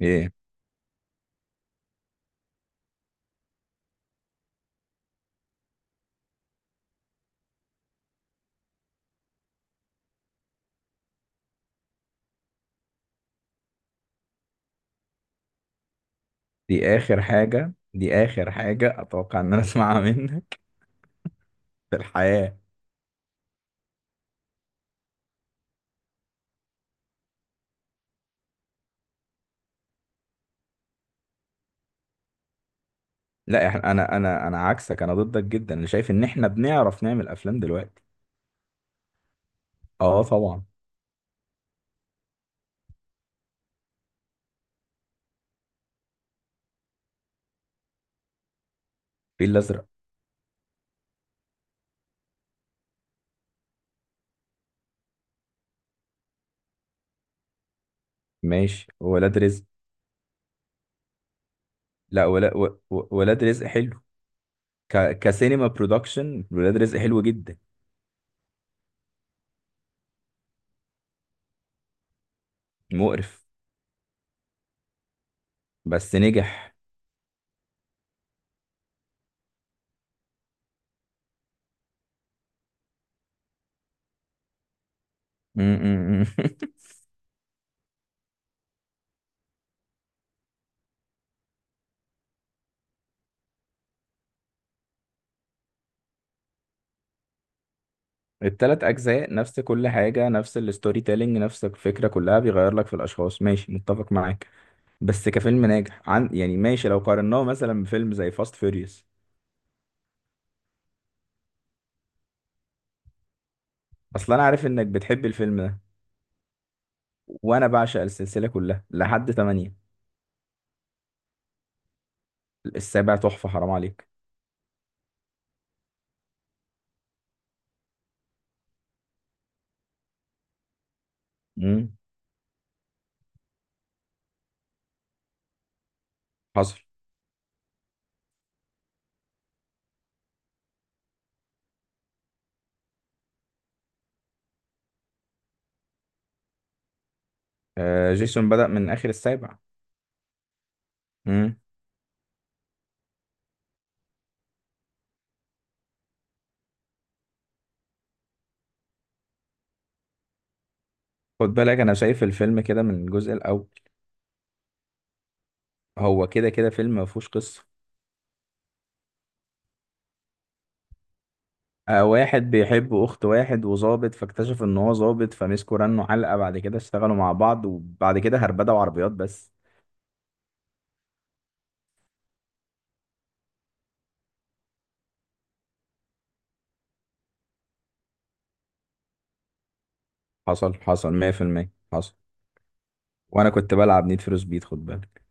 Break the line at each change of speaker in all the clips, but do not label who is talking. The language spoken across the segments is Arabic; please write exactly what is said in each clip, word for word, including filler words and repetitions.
ايه؟ دي اخر حاجة دي اخر حاجة اتوقع ان انا اسمعها منك في الحياة. لا، احنا انا انا انا عكسك، انا ضدك جدا، انا شايف ان احنا بنعرف نعمل افلام دلوقتي. اه طبعا. الفيل الازرق ماشي. ولاد رزق. لا، ولا و- و- ولاد رزق حلو. ك كسينما برودكشن ولاد رزق حلو جدا. مقرف. بس نجح. م- م- م. التلات اجزاء نفس كل حاجة، نفس الستوري تيلينج، نفس الفكرة كلها، بيغير لك في الاشخاص، ماشي متفق معاك. بس كفيلم ناجح، عن يعني ماشي، لو قارناه مثلا بفيلم زي فاست فيوريوس. اصل انا عارف انك بتحب الفيلم ده. وانا بعشق السلسله كلها لحد تمانية. السابع تحفه، حرام عليك. امم. حصل. آه، جيسون بدأ من اخر السابع. امم. خد بالك انا شايف الفيلم كده من الجزء الاول. هو كده كده فيلم ما فيهوش قصه. آه، واحد بيحب اخت واحد وظابط، فاكتشف ان هو ظابط، فمسكوا رنوا علقه، بعد كده اشتغلوا مع بعض، وبعد كده هربدوا عربيات بس. حصل، حصل مية بالمية، حصل. وانا كنت بلعب نيد فور سبيد، خد بالك.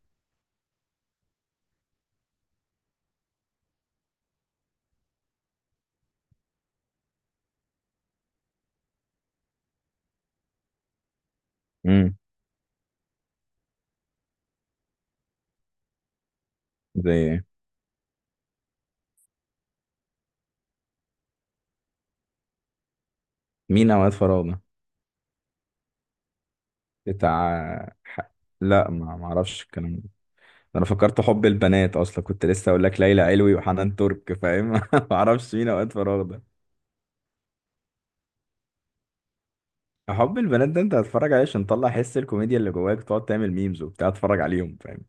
امم. زي مين؟ اوقات فراغنا؟ بتاع ح-، لا، ما ما اعرفش الكلام ده. انا فكرت حب البنات، اصلا كنت لسه اقول لك ليلى علوي وحنان ترك، فاهم؟ ما اعرفش مين اوقات فراغ ده. حب البنات ده انت هتتفرج عليه عشان تطلع حس الكوميديا اللي جواك، وتقعد تعمل ميمز وبتاع، تتفرج عليهم، فاهم؟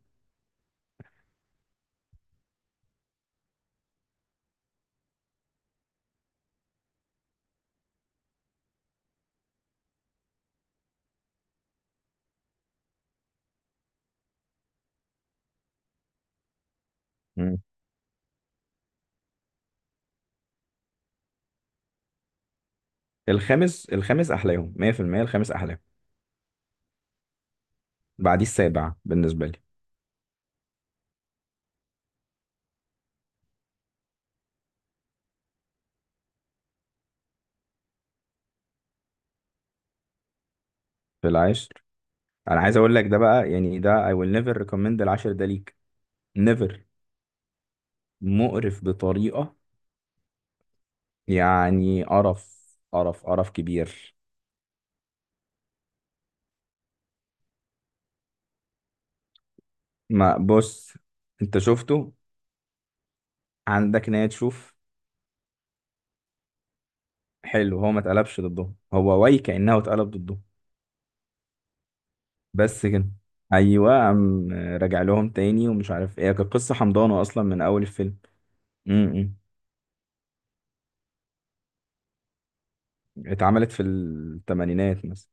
امم. الخامس الخامس احلاهم مية بالمية، الخامس احلاهم. بعديه السابع بالنسبه لي. في العاشر. انا عايز اقول لك ده بقى، يعني ده I will never recommend العاشر ده ليك. Never. مقرف بطريقة، يعني قرف، قرف قرف كبير. ما بص، انت شفته؟ عندك نية تشوف؟ حلو. هو ما اتقلبش ضده، هو واي كأنه اتقلب ضده. بس كده؟ ايوه، قام راجع لهم تاني ومش عارف ايه، كانت قصة حمضانة اصلا من اول الفيلم. امم. اتعملت في الثمانينات مثلا.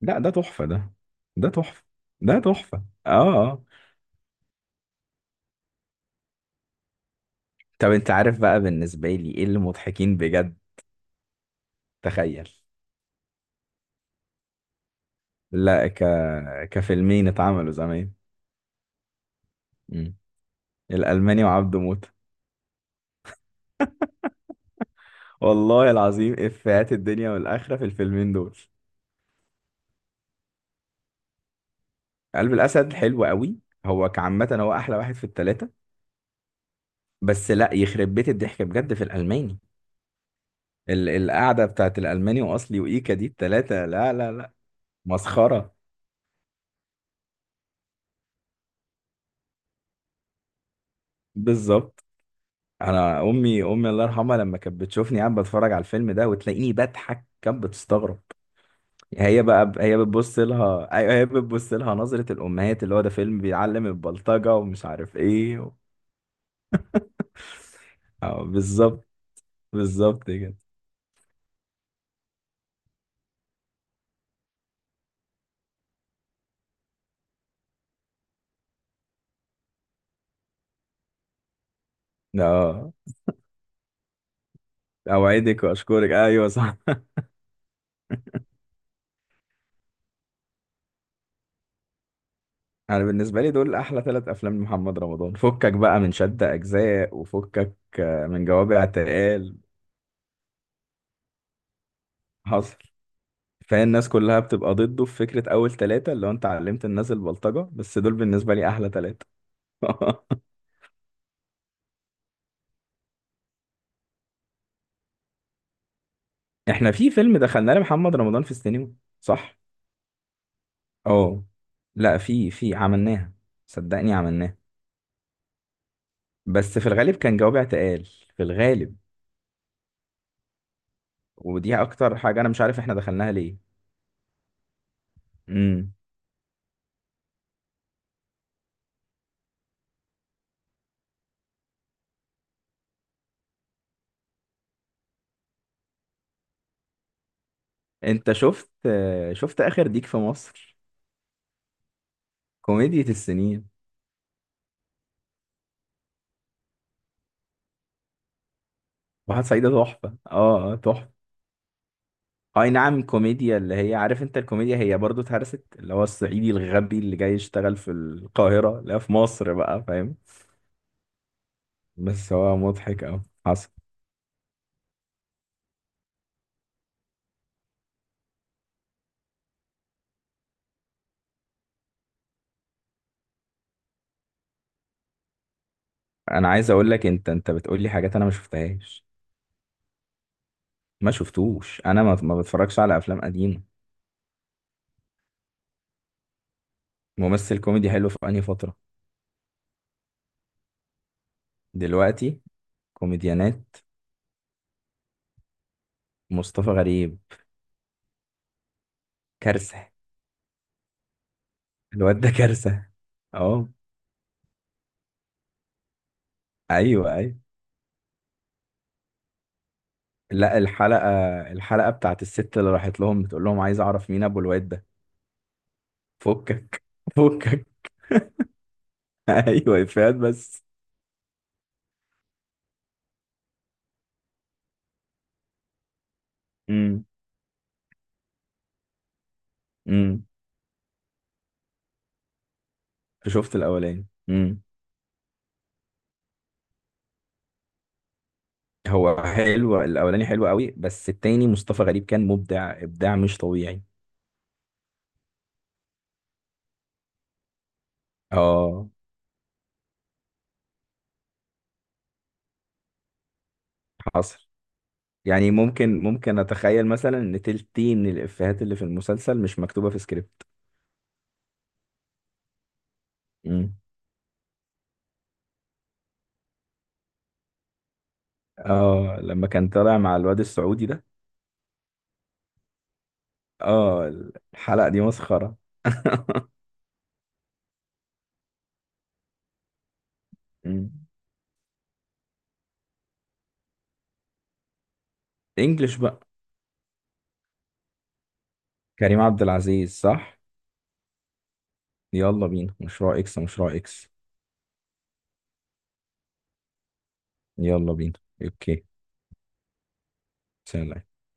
لا، ده تحفة ده. ده تحفة. ده تحفة، اه. اه. طب انت عارف بقى بالنسبة لي ايه اللي مضحكين بجد؟ تخيل. لا، ك... كفيلمين اتعملوا زمان. مم. الألماني وعبده موتة. والله العظيم إفيهات الدنيا والآخرة في الفيلمين دول. قلب الأسد حلو قوي. هو كعامة هو أحلى واحد في التلاتة. بس لا، يخرب بيت الضحك بجد في الألماني. ال... القعدة بتاعت الألماني وأصلي وإيكا دي التلاتة، لا لا لا مسخرة. بالظبط. أنا أمي أمي الله يرحمها، لما كانت بتشوفني قاعد بتفرج على الفيلم ده وتلاقيني بضحك، كانت بتستغرب. هي بقى هي بتبص لها، ايوه، هي بتبص لها نظرة الأمهات اللي هو ده فيلم بيعلم البلطجة ومش عارف ايه و... اه بالظبط. بالظبط كده. اه. اوعدك واشكرك، ايوه صح. انا بالنسبة لي دول احلى ثلاث افلام لمحمد رمضان، فكك بقى من شد اجزاء وفكك. آه، من جوابع تقال. حصل. فهي الناس كلها بتبقى ضده في فكرة اول ثلاثة، اللي هو انت علمت الناس البلطجة، بس دول بالنسبة لي احلى ثلاثة. احنا في فيلم دخلناه لمحمد رمضان في السينما. صح. اه لا، في في عملناها، صدقني عملناها. بس في الغالب كان جوابي اعتقال، في الغالب. ودي اكتر حاجة انا مش عارف احنا دخلناها ليه. امم. انت شفت آه، شفت اخر ديك في مصر؟ كوميديا السنين. واحد صعيدي تحفة، اه، آه، تحفة. اي نعم كوميديا، اللي هي عارف انت الكوميديا هي برضو اتهرست، اللي هو الصعيدي الغبي اللي جاي يشتغل في القاهرة، لا في مصر بقى، فاهم؟ بس هو مضحك اوي. حصل. انا عايز اقول لك، انت انت بتقول لي حاجات انا ما شفتهاش، ما شفتوش، انا ما ما بتفرجش على افلام قديمه. ممثل كوميدي حلو في انهي فتره؟ دلوقتي. كوميديانات. مصطفى غريب. كارثه. الواد ده كارثه. اه، ايوه ايوه. لا، الحلقه، الحلقه بتاعت الست اللي راحت لهم بتقول لهم عايز اعرف مين ابو الواد ده. فكك. فكك. ايوه، افيهات بس. امم. امم. شفت الاولاني. امم. هو حلو الاولاني، حلو قوي، بس التاني مصطفى غريب كان مبدع، ابداع مش طبيعي. اه. حصل. يعني ممكن، ممكن اتخيل مثلا ان تلتين الافيهات اللي في المسلسل مش مكتوبه في سكريبت. امم. اه، لما كان طالع مع الواد السعودي ده. اه، الحلقه دي مسخره. امم. انجلش بقى. كريم عبد العزيز، صح. يلا بينا، مشروع اكس، مشروع اكس. يلا بينا. اوكي. سلام.